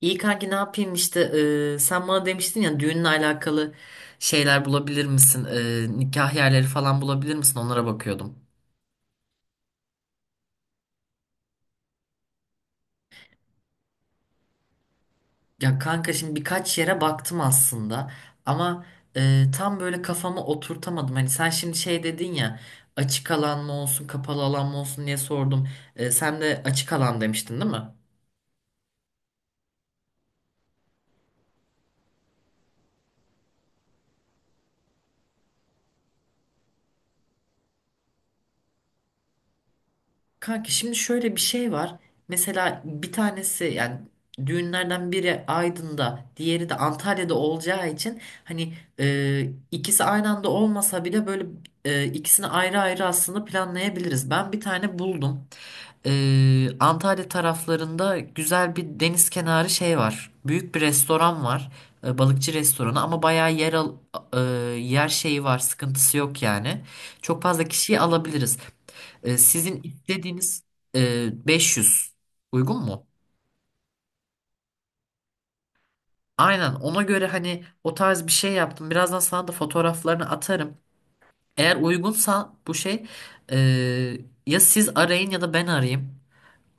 İyi kanki ne yapayım işte. Sen bana demiştin ya düğünle alakalı şeyler bulabilir misin? Nikah yerleri falan bulabilir misin? Onlara bakıyordum. Ya kanka şimdi birkaç yere baktım aslında ama tam böyle kafama oturtamadım. Hani sen şimdi şey dedin ya, açık alan mı olsun kapalı alan mı olsun diye sordum. Sen de açık alan demiştin değil mi? Kanki şimdi şöyle bir şey var. Mesela bir tanesi, yani düğünlerden biri Aydın'da, diğeri de Antalya'da olacağı için hani ikisi aynı anda olmasa bile böyle ikisini ayrı ayrı aslında planlayabiliriz. Ben bir tane buldum. E, Antalya taraflarında güzel bir deniz kenarı şey var. Büyük bir restoran var. Balıkçı restoranı ama bayağı e, yer şeyi var, sıkıntısı yok yani. Çok fazla kişiyi alabiliriz. Sizin istediğiniz, 500 uygun mu? Aynen, ona göre hani o tarz bir şey yaptım. Birazdan sana da fotoğraflarını atarım. Eğer uygunsa bu e, ya siz arayın ya da ben arayayım.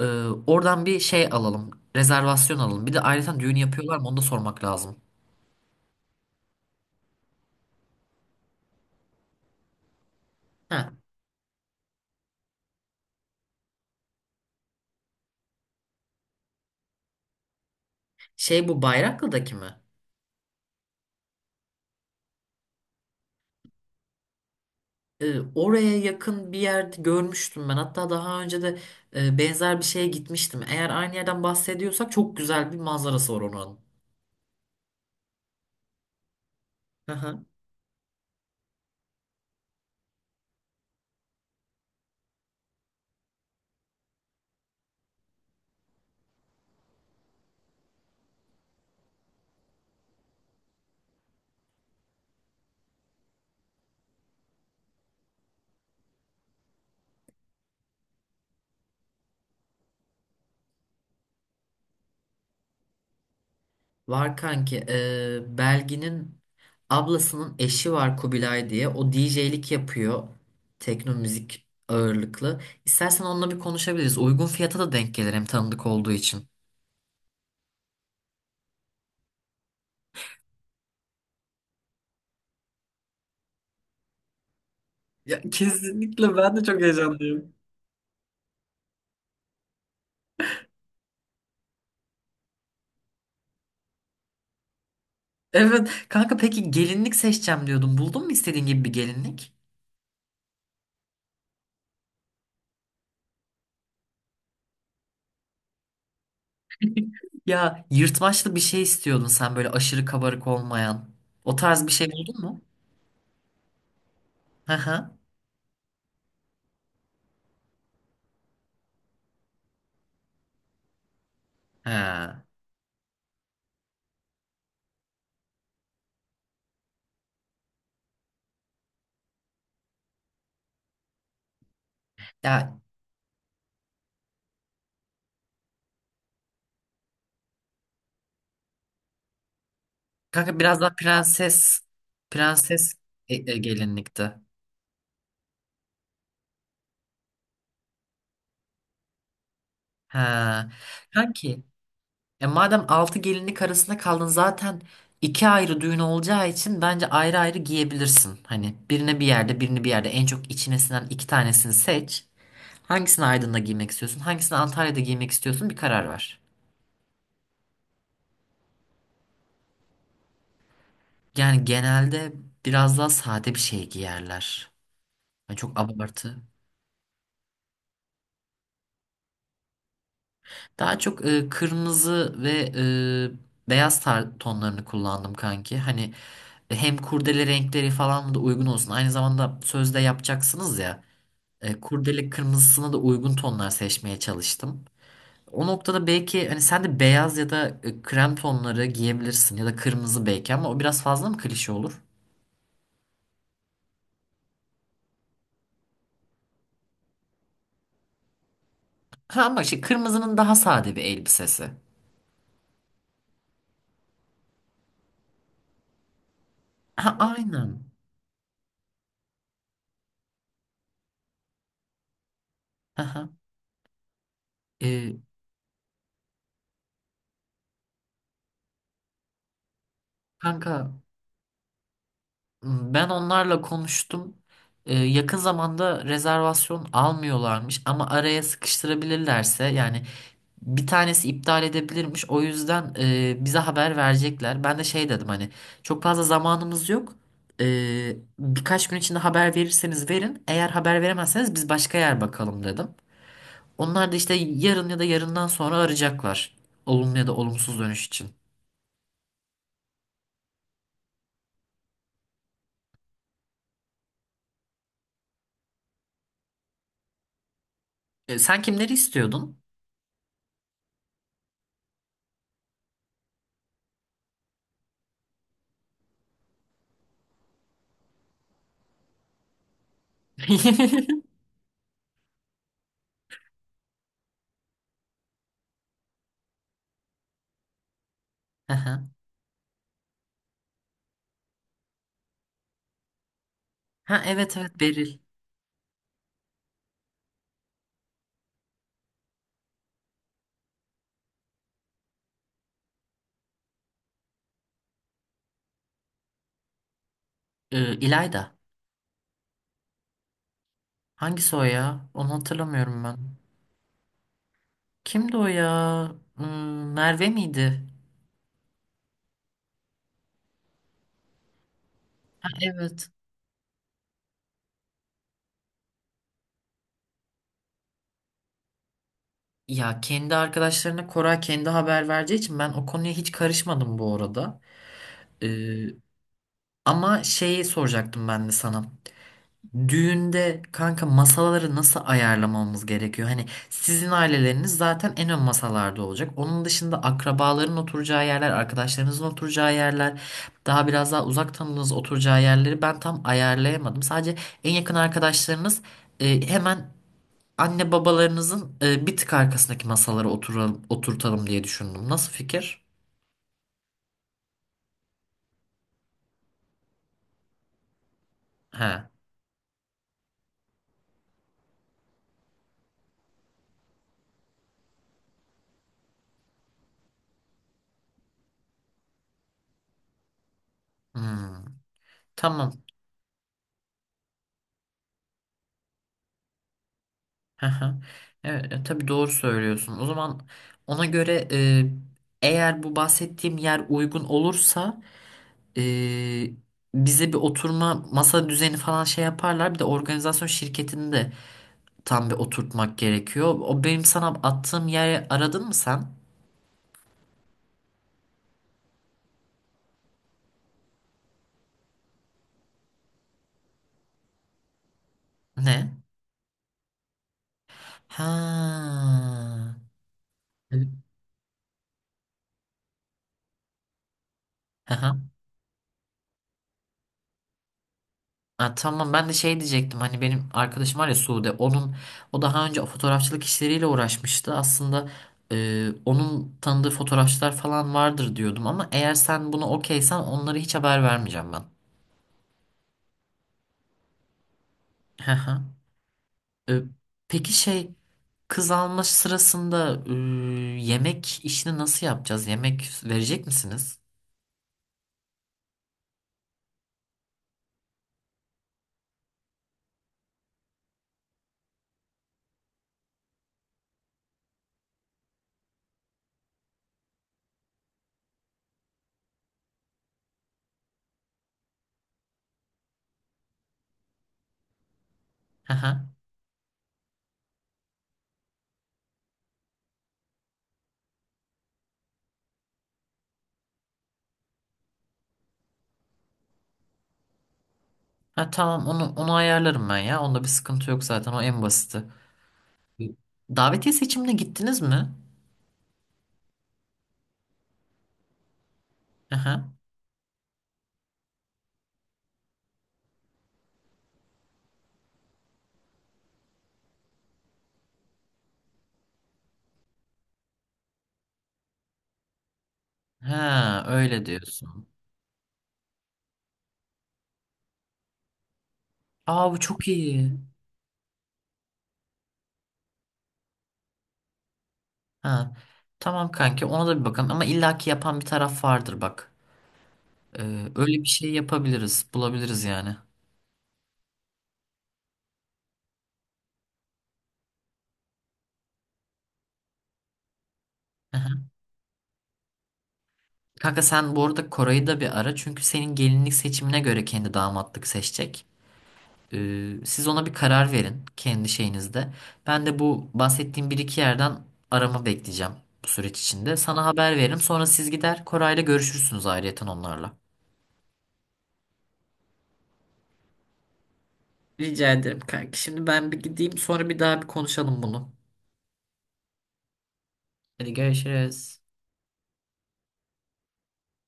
E, Oradan bir şey alalım. Rezervasyon alalım. Bir de ayrıca düğün yapıyorlar mı onu da sormak lazım. Ha, şey, bu Bayraklı'daki mi? Oraya yakın bir yerde görmüştüm ben. Hatta daha önce de benzer bir şeye gitmiştim. Eğer aynı yerden bahsediyorsak çok güzel bir manzarası var onun. Aha, var kanki. Belgin'in ablasının eşi var, Kubilay diye. O DJ'lik yapıyor. Tekno müzik ağırlıklı. İstersen onunla bir konuşabiliriz. Uygun fiyata da denk gelir hem, tanıdık olduğu için. Ya kesinlikle, ben de çok heyecanlıyım. Evet kanka, peki gelinlik seçeceğim diyordun. Buldun mu istediğin gibi bir gelinlik? Ya yırtmaçlı bir şey istiyordun sen, böyle aşırı kabarık olmayan. O tarz bir şey buldun mu? Hı hı. Ha. Ya kanka, biraz daha prenses, prenses gelinlikti. Ha. Kanki, madem 6 gelinlik arasında kaldın zaten, iki ayrı düğün olacağı için bence ayrı ayrı giyebilirsin. Hani birine bir yerde, birini bir yerde, en çok içine sinen iki tanesini seç. Hangisini Aydın'da giymek istiyorsun? Hangisini Antalya'da giymek istiyorsun? Bir karar ver. Yani genelde biraz daha sade bir şey giyerler. Yani çok abartı. Daha çok kırmızı ve beyaz tonlarını kullandım kanki. Hani hem kurdele renkleri falan da uygun olsun. Aynı zamanda sözde yapacaksınız ya. Kurdele kırmızısına da uygun tonlar seçmeye çalıştım. O noktada belki hani sen de beyaz ya da krem tonları giyebilirsin ya da kırmızı belki, ama o biraz fazla mı klişe olur? Ha ama şey, kırmızının daha sade bir elbisesi. Ha aynen. Aha. E, Kanka, ben onlarla konuştum. Yakın zamanda rezervasyon almıyorlarmış ama araya sıkıştırabilirlerse yani bir tanesi iptal edebilirmiş. O yüzden bize haber verecekler. Ben de şey dedim, hani çok fazla zamanımız yok. Birkaç gün içinde haber verirseniz verin. Eğer haber veremezseniz biz başka yer bakalım dedim. Onlar da işte yarın ya da yarından sonra arayacaklar. Olumlu ya da olumsuz dönüş için. Sen kimleri istiyordun? Ha evet evet, Beril. İlayda. Hangisi o ya? Onu hatırlamıyorum ben. Kimdi o ya? Hmm, Merve miydi? Ha, evet. Ya kendi arkadaşlarına Koray kendi haber vereceği için ben o konuya hiç karışmadım bu arada. Ee, Ama şeyi soracaktım ben de sana. Düğünde kanka, masaları nasıl ayarlamamız gerekiyor? Hani sizin aileleriniz zaten en ön masalarda olacak. Onun dışında akrabaların oturacağı yerler, arkadaşlarınızın oturacağı yerler, daha biraz daha uzak tanıdığınız oturacağı yerleri ben tam ayarlayamadım. Sadece en yakın arkadaşlarınız hemen anne babalarınızın bir tık arkasındaki masalara oturalım, oturtalım diye düşündüm. Nasıl fikir? He. Hmm. Tamam. Hı hı. Evet, tabii doğru söylüyorsun. O zaman ona göre, eğer bu bahsettiğim yer uygun olursa, e, bize bir oturma masa düzeni falan şey yaparlar. Bir de organizasyon şirketini de tam bir oturtmak gerekiyor. O benim sana attığım yeri aradın mı sen? Ne? Ha. Evet. Hı hı. Ha, tamam, ben de şey diyecektim, hani benim arkadaşım var ya Sude, onun, o daha önce fotoğrafçılık işleriyle uğraşmıştı aslında, onun tanıdığı fotoğrafçılar falan vardır diyordum ama eğer sen bunu okeysen onlara hiç haber vermeyeceğim ben. Hı hı. E, peki şey, kız alma sırasında yemek işini nasıl yapacağız, yemek verecek misiniz? Hı hı. Ha, tamam, onu ayarlarım ben ya, onda bir sıkıntı yok zaten, o en basiti. Davetiye seçimine gittiniz mi? Hı hı. Ha, öyle diyorsun. Aa bu çok iyi. Ha. Tamam kanki, ona da bir bakalım ama illaki yapan bir taraf vardır bak. Ee, Öyle bir şey yapabiliriz, bulabiliriz yani. Aha. Kanka sen bu arada Koray'ı da bir ara, çünkü senin gelinlik seçimine göre kendi damatlık seçecek. Siz ona bir karar verin kendi şeyinizde. Ben de bu bahsettiğim bir iki yerden arama bekleyeceğim bu süreç içinde. Sana haber veririm, sonra siz gider Koray'la görüşürsünüz ayrıyeten onlarla. Rica ederim kanki. Şimdi ben bir gideyim, sonra bir daha bir konuşalım bunu. Hadi görüşürüz.